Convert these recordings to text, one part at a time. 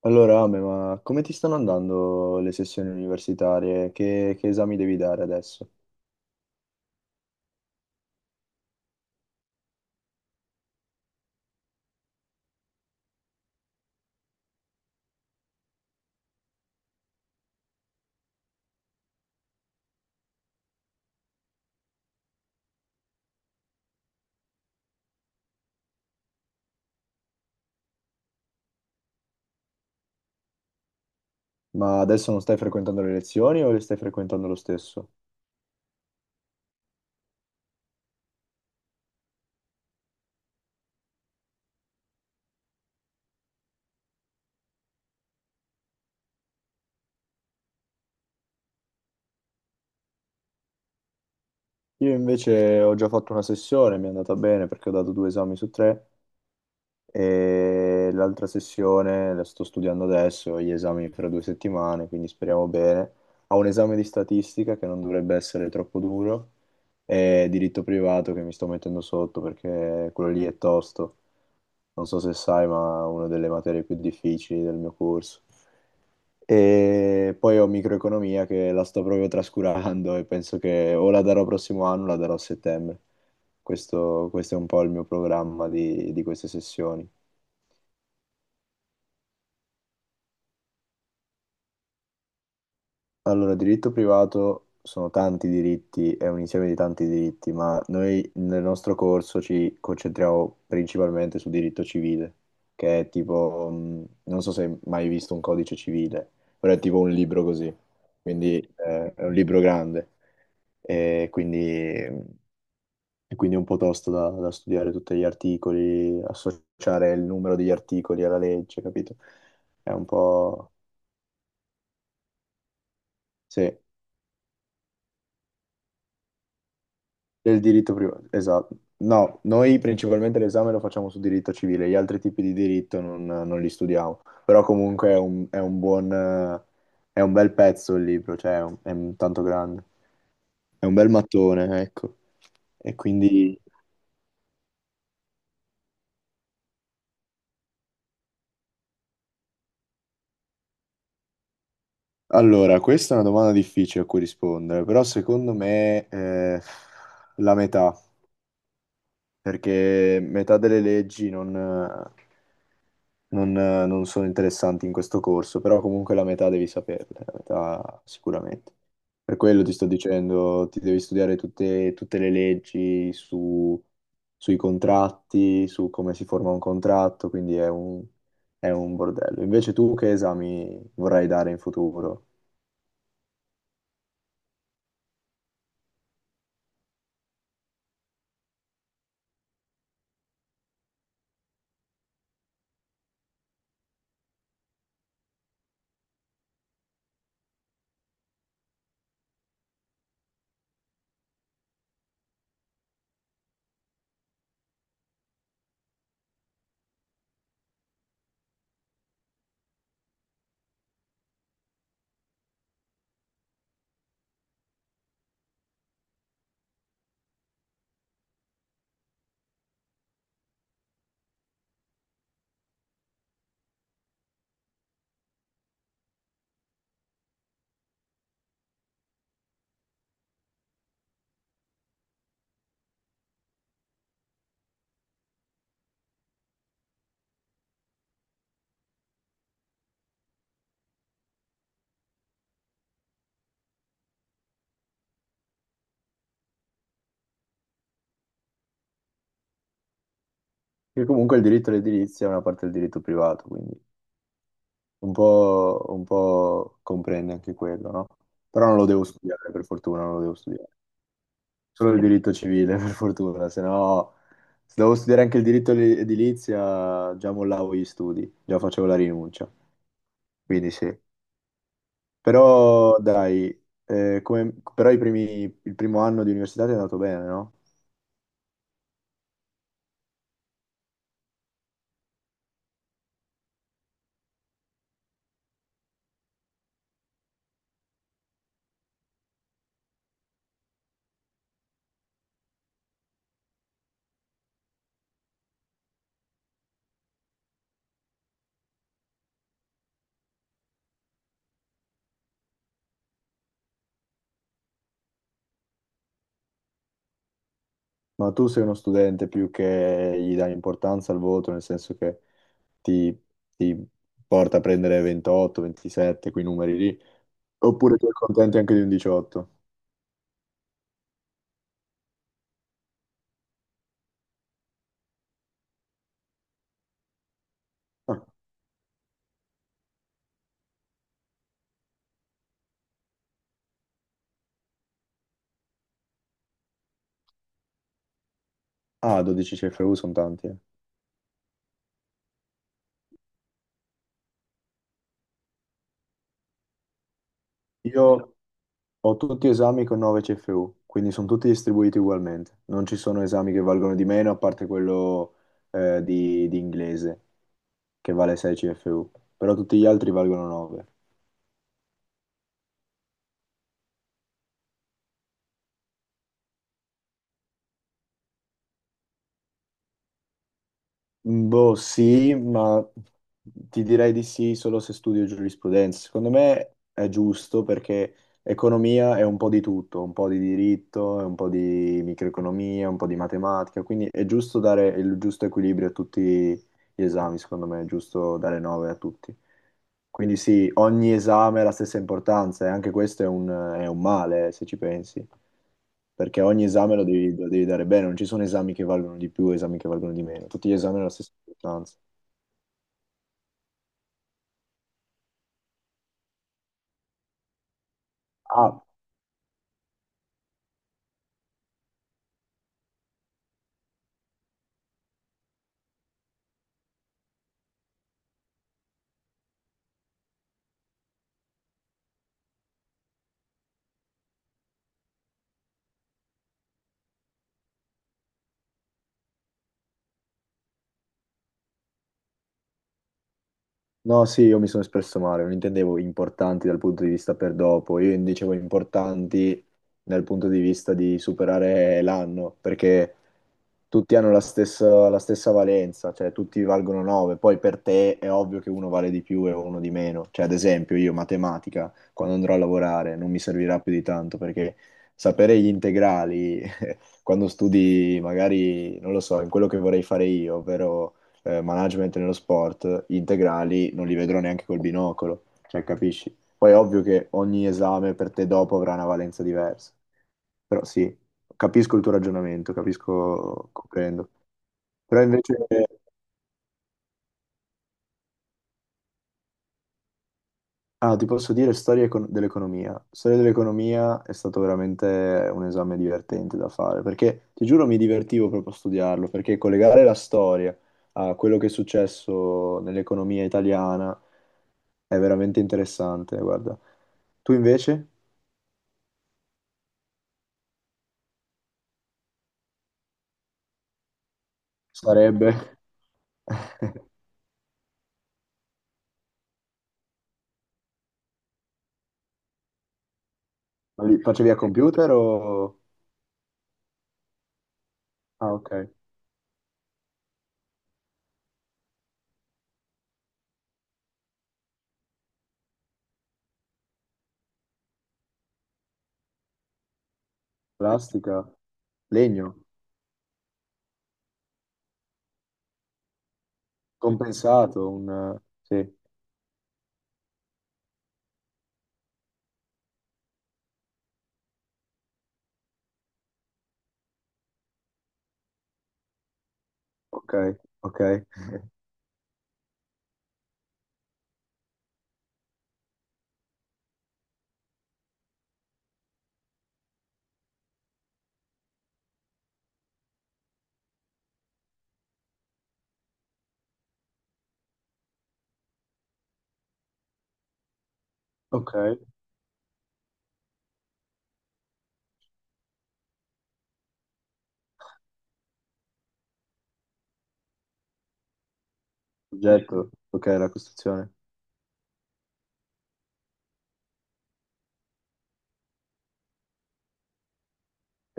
Allora, Ame, ma come ti stanno andando le sessioni universitarie? Che esami devi dare adesso? Ma adesso non stai frequentando le lezioni o le stai frequentando lo stesso? Io invece ho già fatto una sessione, mi è andata bene perché ho dato due esami su tre. E l'altra sessione la sto studiando adesso, ho gli esami fra due settimane, quindi speriamo bene. Ho un esame di statistica che non dovrebbe essere troppo duro e diritto privato che mi sto mettendo sotto perché quello lì è tosto. Non so se sai, ma è una delle materie più difficili del mio corso. E poi ho microeconomia che la sto proprio trascurando e penso che o la darò prossimo anno o la darò a settembre. Questo è un po' il mio programma di queste sessioni. Allora, diritto privato sono tanti diritti, è un insieme di tanti diritti, ma noi nel nostro corso ci concentriamo principalmente su diritto civile, che è tipo, non so se hai mai visto un codice civile, però è tipo un libro così, quindi è un libro grande e quindi e quindi è un po' tosto da studiare tutti gli articoli, associare il numero degli articoli alla legge, capito? È un po'... Sì. Del diritto privato, esatto. No, noi principalmente l'esame lo facciamo su diritto civile, gli altri tipi di diritto non li studiamo, però comunque è un buon, è un bel pezzo il libro, cioè è un tanto grande, è un bel mattone, ecco. E quindi, allora, questa è una domanda difficile a cui rispondere, però secondo me la metà, perché metà delle leggi non... non, non sono interessanti in questo corso, però comunque la metà devi saperle, la metà sicuramente. Per quello ti sto dicendo, ti devi studiare tutte le leggi su- sui contratti, su come si forma un contratto, quindi è un bordello. Invece tu che esami vorrai dare in futuro? Che comunque il diritto all'edilizia è una parte del diritto privato, quindi un po' comprende anche quello, no? Però non lo devo studiare, per fortuna non lo devo studiare. Solo il diritto civile, per fortuna, se no se dovevo studiare anche il diritto li- edilizia già mollavo gli studi, già facevo la rinuncia, quindi sì. Però dai, come- però i primi- il primo anno di università ti è andato bene, no? Ma tu sei uno studente più che gli dai importanza al voto, nel senso che ti, ti porta a prendere 28, 27, quei numeri lì, oppure ti accontenti anche di un 18? Ah, ah, 12 CFU sono tanti, eh. Io, ho tutti esami con 9 CFU, quindi sono tutti distribuiti ugualmente. Non ci sono esami che valgono di meno, a parte quello di inglese, che vale 6 CFU, però tutti gli altri valgono 9. Mm, boh, sì, ma ti direi di sì solo se studio giurisprudenza. Secondo me è giusto perché economia è un po' di tutto, un po' di diritto, è un po' di microeconomia, un po' di matematica, quindi è giusto dare il giusto equilibrio a tutti gli esami, secondo me è giusto dare 9 a tutti. Quindi sì, ogni esame ha la stessa importanza e anche questo è un male, se ci pensi, perché ogni esame lo devi dare bene, non ci sono esami che valgono di più, esami che valgono di meno, tutti gli esami hanno la stessa importanza. Ah, no, sì, io mi sono espresso male, non intendevo importanti dal punto di vista per dopo, io dicevo importanti dal punto di vista di superare l'anno, perché tutti hanno la stessa valenza, cioè tutti valgono 9, poi per te è ovvio che uno vale di più e uno di meno, cioè ad esempio io matematica, quando andrò a lavorare, non mi servirà più di tanto, perché sapere gli integrali quando studi magari, non lo so, in quello che vorrei fare io, ovvero management nello sport, gli integrali non li vedrò neanche col binocolo, cioè capisci? Poi è ovvio che ogni esame per te dopo avrà una valenza diversa, però sì, capisco il tuo ragionamento, capisco, comprendo. Però invece... Ah, ti posso dire storia econ- dell'economia. Storia dell'economia è stato veramente un esame divertente da fare, perché ti giuro mi divertivo proprio a studiarlo, perché collegare la storia a quello che è successo nell'economia italiana è veramente interessante, guarda. Tu invece sarebbe... Ma li facevi a computer o... Ah, ok. Plastica, legno, compensato, un... Sì, ok, ok, ok. Oggetto, ok, la costruzione.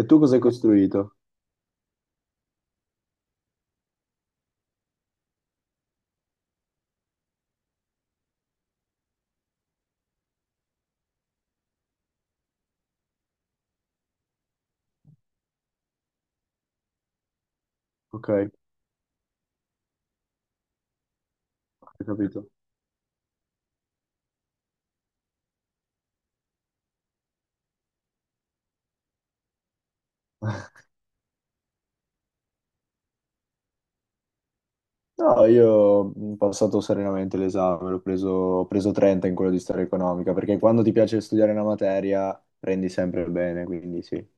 E tu cosa hai costruito? Ok, hai capito. No, io ho passato serenamente l'esame, l'ho preso, ho preso 30 in quello di storia economica, perché quando ti piace studiare una materia prendi sempre il bene, quindi sì.